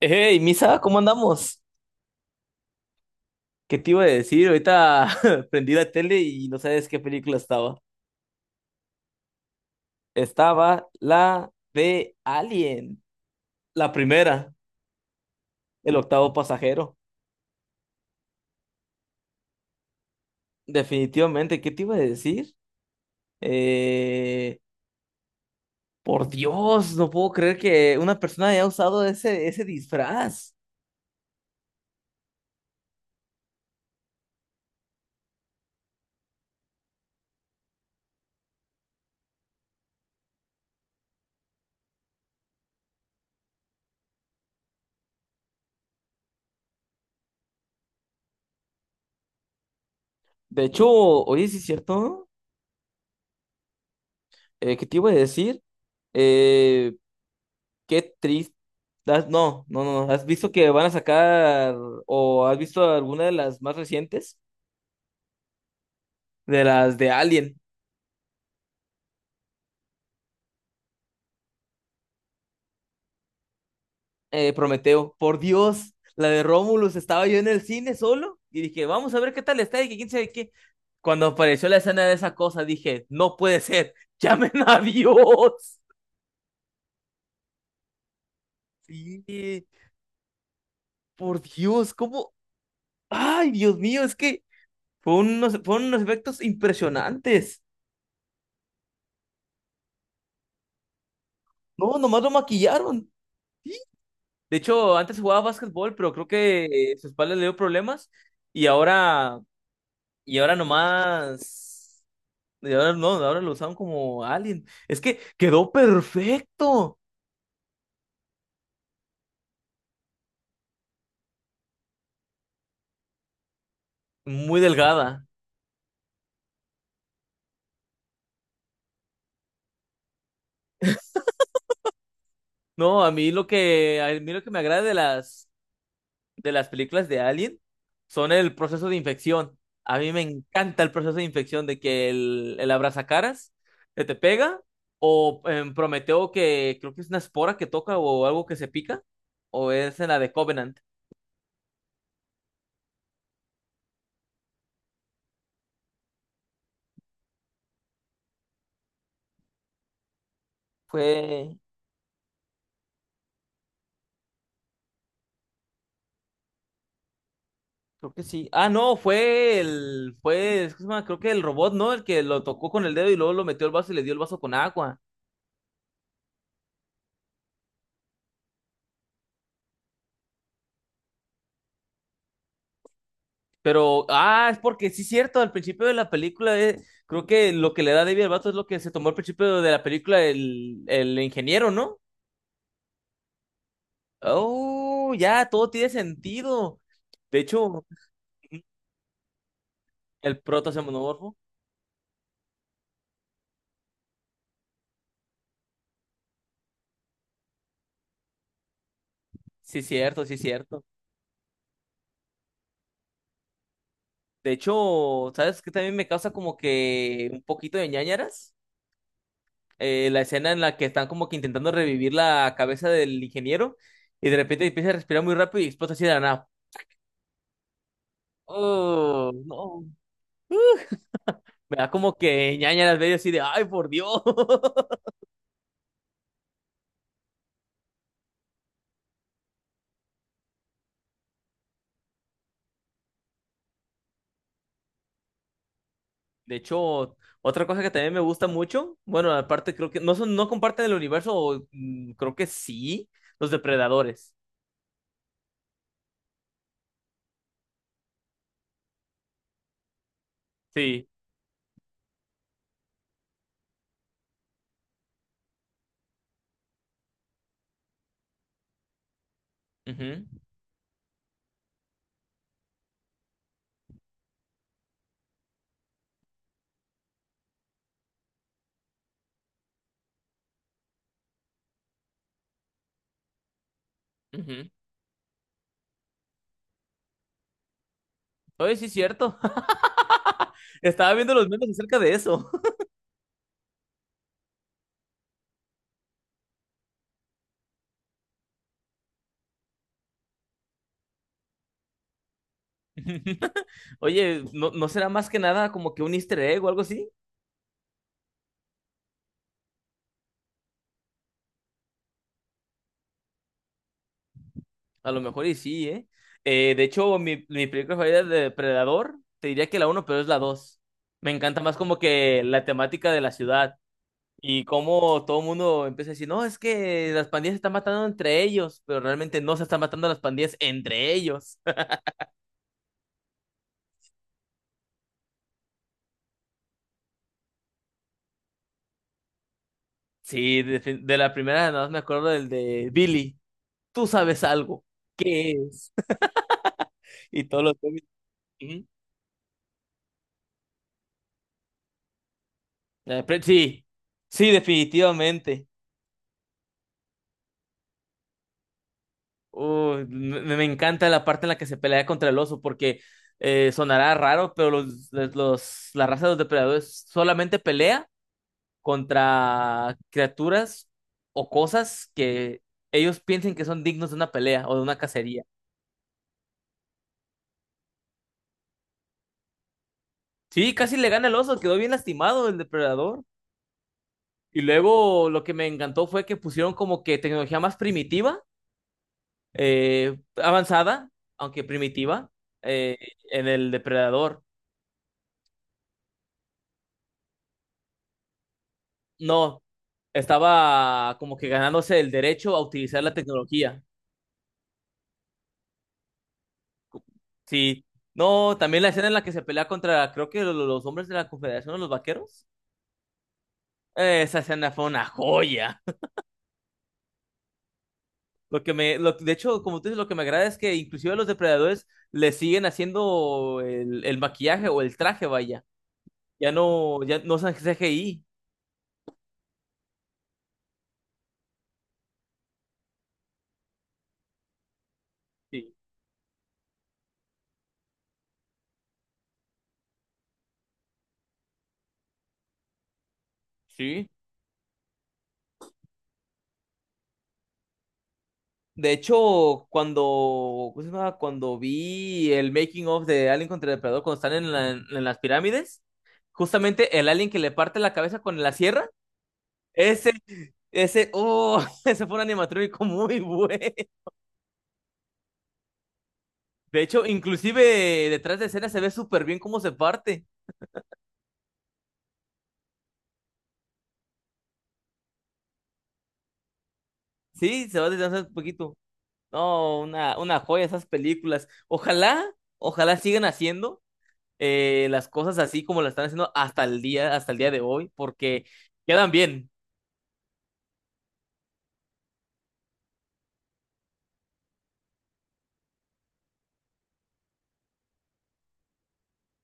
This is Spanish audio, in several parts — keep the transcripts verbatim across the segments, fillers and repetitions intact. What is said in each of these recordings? Hey, Misa, ¿cómo andamos? ¿Qué te iba a decir? Ahorita prendí la tele y no sabes qué película estaba. Estaba la de Alien, la primera, el octavo pasajero. Definitivamente, ¿qué te iba a decir? Eh, por Dios, no puedo creer que una persona haya usado ese, ese disfraz. De hecho, oye, sí es cierto. Eh, ¿qué te iba a decir? Eh, Qué triste. Has- No, no, no. no. ¿Has visto que van a sacar o has visto alguna de las más recientes? De las de Alien, eh, Prometeo. Por Dios, la de Romulus. Estaba yo en el cine solo y dije, vamos a ver qué tal está y que quién sabe qué. Cuando apareció la escena de esa cosa, dije, no puede ser. Llamen a Dios. Sí, por Dios, ¿cómo? Ay, Dios mío, es que fueron unos, fueron unos efectos impresionantes. No, nomás lo maquillaron. De hecho, antes jugaba básquetbol, pero creo que eh, su espalda le dio problemas y ahora, y ahora nomás, y ahora no, ahora lo usaron como alien. Es que quedó perfecto, muy delgada. No, a mí lo que, a mí lo que me agrada de las de las películas de Alien son el proceso de infección. A mí me encanta el proceso de infección de que el, el abrazacaras que te pega o en Prometeo que creo que es una espora que toca o algo que se pica o es en la de Covenant. Fue, creo que sí. Ah, no, fue el, fue, ¿cómo se llama? Creo que el robot, ¿no? El que lo tocó con el dedo y luego lo metió al vaso y le dio el vaso con agua. Pero, ah, es porque sí es cierto, al principio de la película, eh, creo que lo que le da David al vato es lo que se tomó al principio de la película el, el ingeniero, ¿no? Oh, ya, todo tiene sentido. De hecho, el protozoomorfo, sí es cierto, sí es cierto. De hecho, ¿sabes qué también me causa como que un poquito de ñáñaras? Eh, la escena en la que están como que intentando revivir la cabeza del ingeniero y de repente empieza a respirar muy rápido y explota así de la nada. Oh, no. Me da como que ñaña las veo así de, ay, por Dios. De hecho, otra cosa que también me gusta mucho, bueno, aparte creo que no son, no comparten el universo, o, mm, creo que sí, los depredadores. Sí. Ujú, ujú. Oye, sí es cierto. Estaba viendo los memes acerca de eso. Oye, ¿no, ¿no será más que nada como que un easter egg o algo así? A lo mejor y sí, ¿eh? Eh, de hecho, mi, mi película favorita de Depredador, te diría que la uno, pero es la dos. Me encanta más como que la temática de la ciudad. Y como todo el mundo empieza a decir, no, es que las pandillas se están matando entre ellos, pero realmente no se están matando las pandillas entre ellos. Sí, de, de la primera nada más me acuerdo del de Billy, tú sabes algo, ¿qué es? Y todos los zombies, "Ujú". Eh, pero sí, sí, definitivamente. Uy, me, me encanta la parte en la que se pelea contra el oso, porque eh, sonará raro, pero los, los, los- la raza de los depredadores solamente pelea contra criaturas o cosas que ellos piensen que son dignos de una pelea o de una cacería. Sí, casi le gana el oso, quedó bien lastimado el depredador. Y luego lo que me encantó fue que pusieron como que tecnología más primitiva, eh, avanzada, aunque primitiva, eh, en el depredador. No, estaba como que ganándose el derecho a utilizar la tecnología. Sí. No, también la escena en la que se pelea contra, creo que lo- los hombres de la Confederación, los vaqueros. Eh, Esa escena fue una joya. Lo que me, lo- De hecho, como tú dices, lo que me agrada es que inclusive a los depredadores le siguen haciendo el, el maquillaje o el traje, vaya. Ya no, ya no usan C G I. Sí. Sí. De hecho, cuando, ¿cómo se llama? Cuando vi el making of de Alien contra el Depredador, cuando están en, la- en las pirámides, justamente el alien que le parte la cabeza con la sierra, ese, ese, oh, ese fue un animatrónico muy bueno. De hecho, inclusive detrás de escena se ve súper bien cómo se parte. Sí, se va deshaciendo un poquito. No, una, una joya esas películas. Ojalá, ojalá sigan haciendo eh, las cosas así como las están haciendo hasta el día, hasta el día de hoy, porque quedan bien.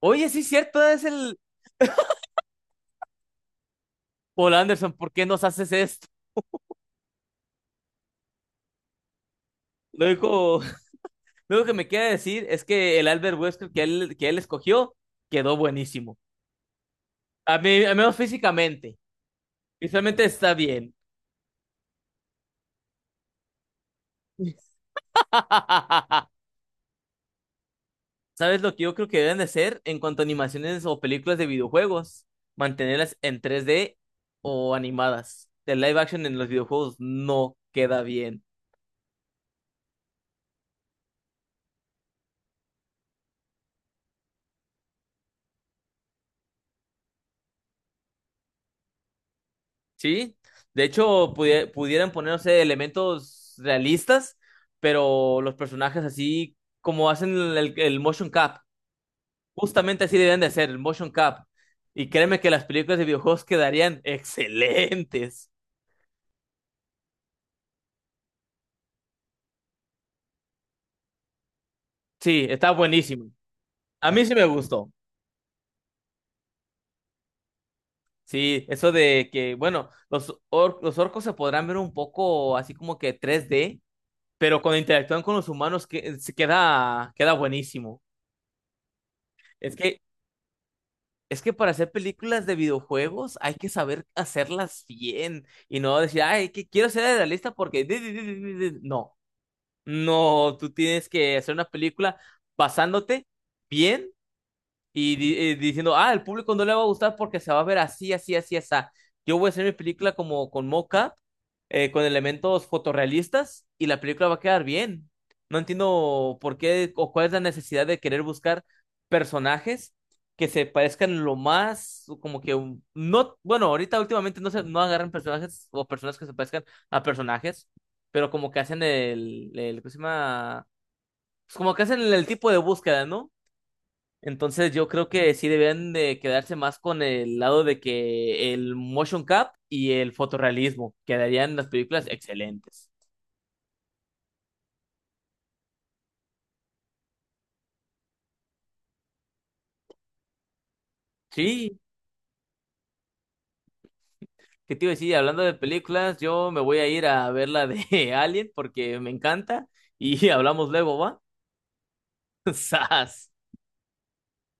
Oye, sí, cierto, es el Paul Anderson, ¿por qué nos haces esto? Lo único, lo único que me queda decir es que el Albert Wesker que él, que él escogió quedó buenísimo. A mí, al menos físicamente. Visualmente está bien. ¿Sabes lo que yo creo que deben de ser en cuanto a animaciones o películas de videojuegos? Mantenerlas en tres D o animadas. El live action en los videojuegos no queda bien, ¿sí? De hecho, pudie- pudieran ponerse elementos realistas, pero los personajes así como hacen el, el motion cap. Justamente así deben de ser, el motion cap. Y créeme que las películas de videojuegos quedarían excelentes. Sí, está buenísimo. A mí sí me gustó. Sí, eso de que, bueno, los, or- los orcos se podrán ver un poco así como que tres d, pero cuando interactúan con los humanos que, se queda, queda buenísimo. Es que, es que para hacer películas de videojuegos hay que saber hacerlas bien y no decir, ay, que quiero ser realista porque... di, di, di, di, di". Di". No, no, tú tienes que hacer una película basándote bien y di- eh, diciendo, ah, el público no le va a gustar porque se va a ver así, así, así, así. Yo voy a hacer mi película como con mocap, eh, con elementos fotorrealistas y la película va a quedar bien. No entiendo por qué o cuál es la necesidad de querer buscar personajes que se parezcan lo más, como que un- no, bueno, ahorita últimamente no se no agarran personajes o personas que se parezcan a personajes, pero como que hacen el, el, ¿cómo se llama? Pues como que hacen el tipo de búsqueda, ¿no? Entonces yo creo que sí deben de quedarse más con el lado de que el motion cap y el fotorrealismo quedarían las películas excelentes. Sí, ¿qué te iba a decir? Hablando de películas, yo me voy a ir a ver la de Alien porque me encanta y hablamos luego, ¿va? ¡Sas!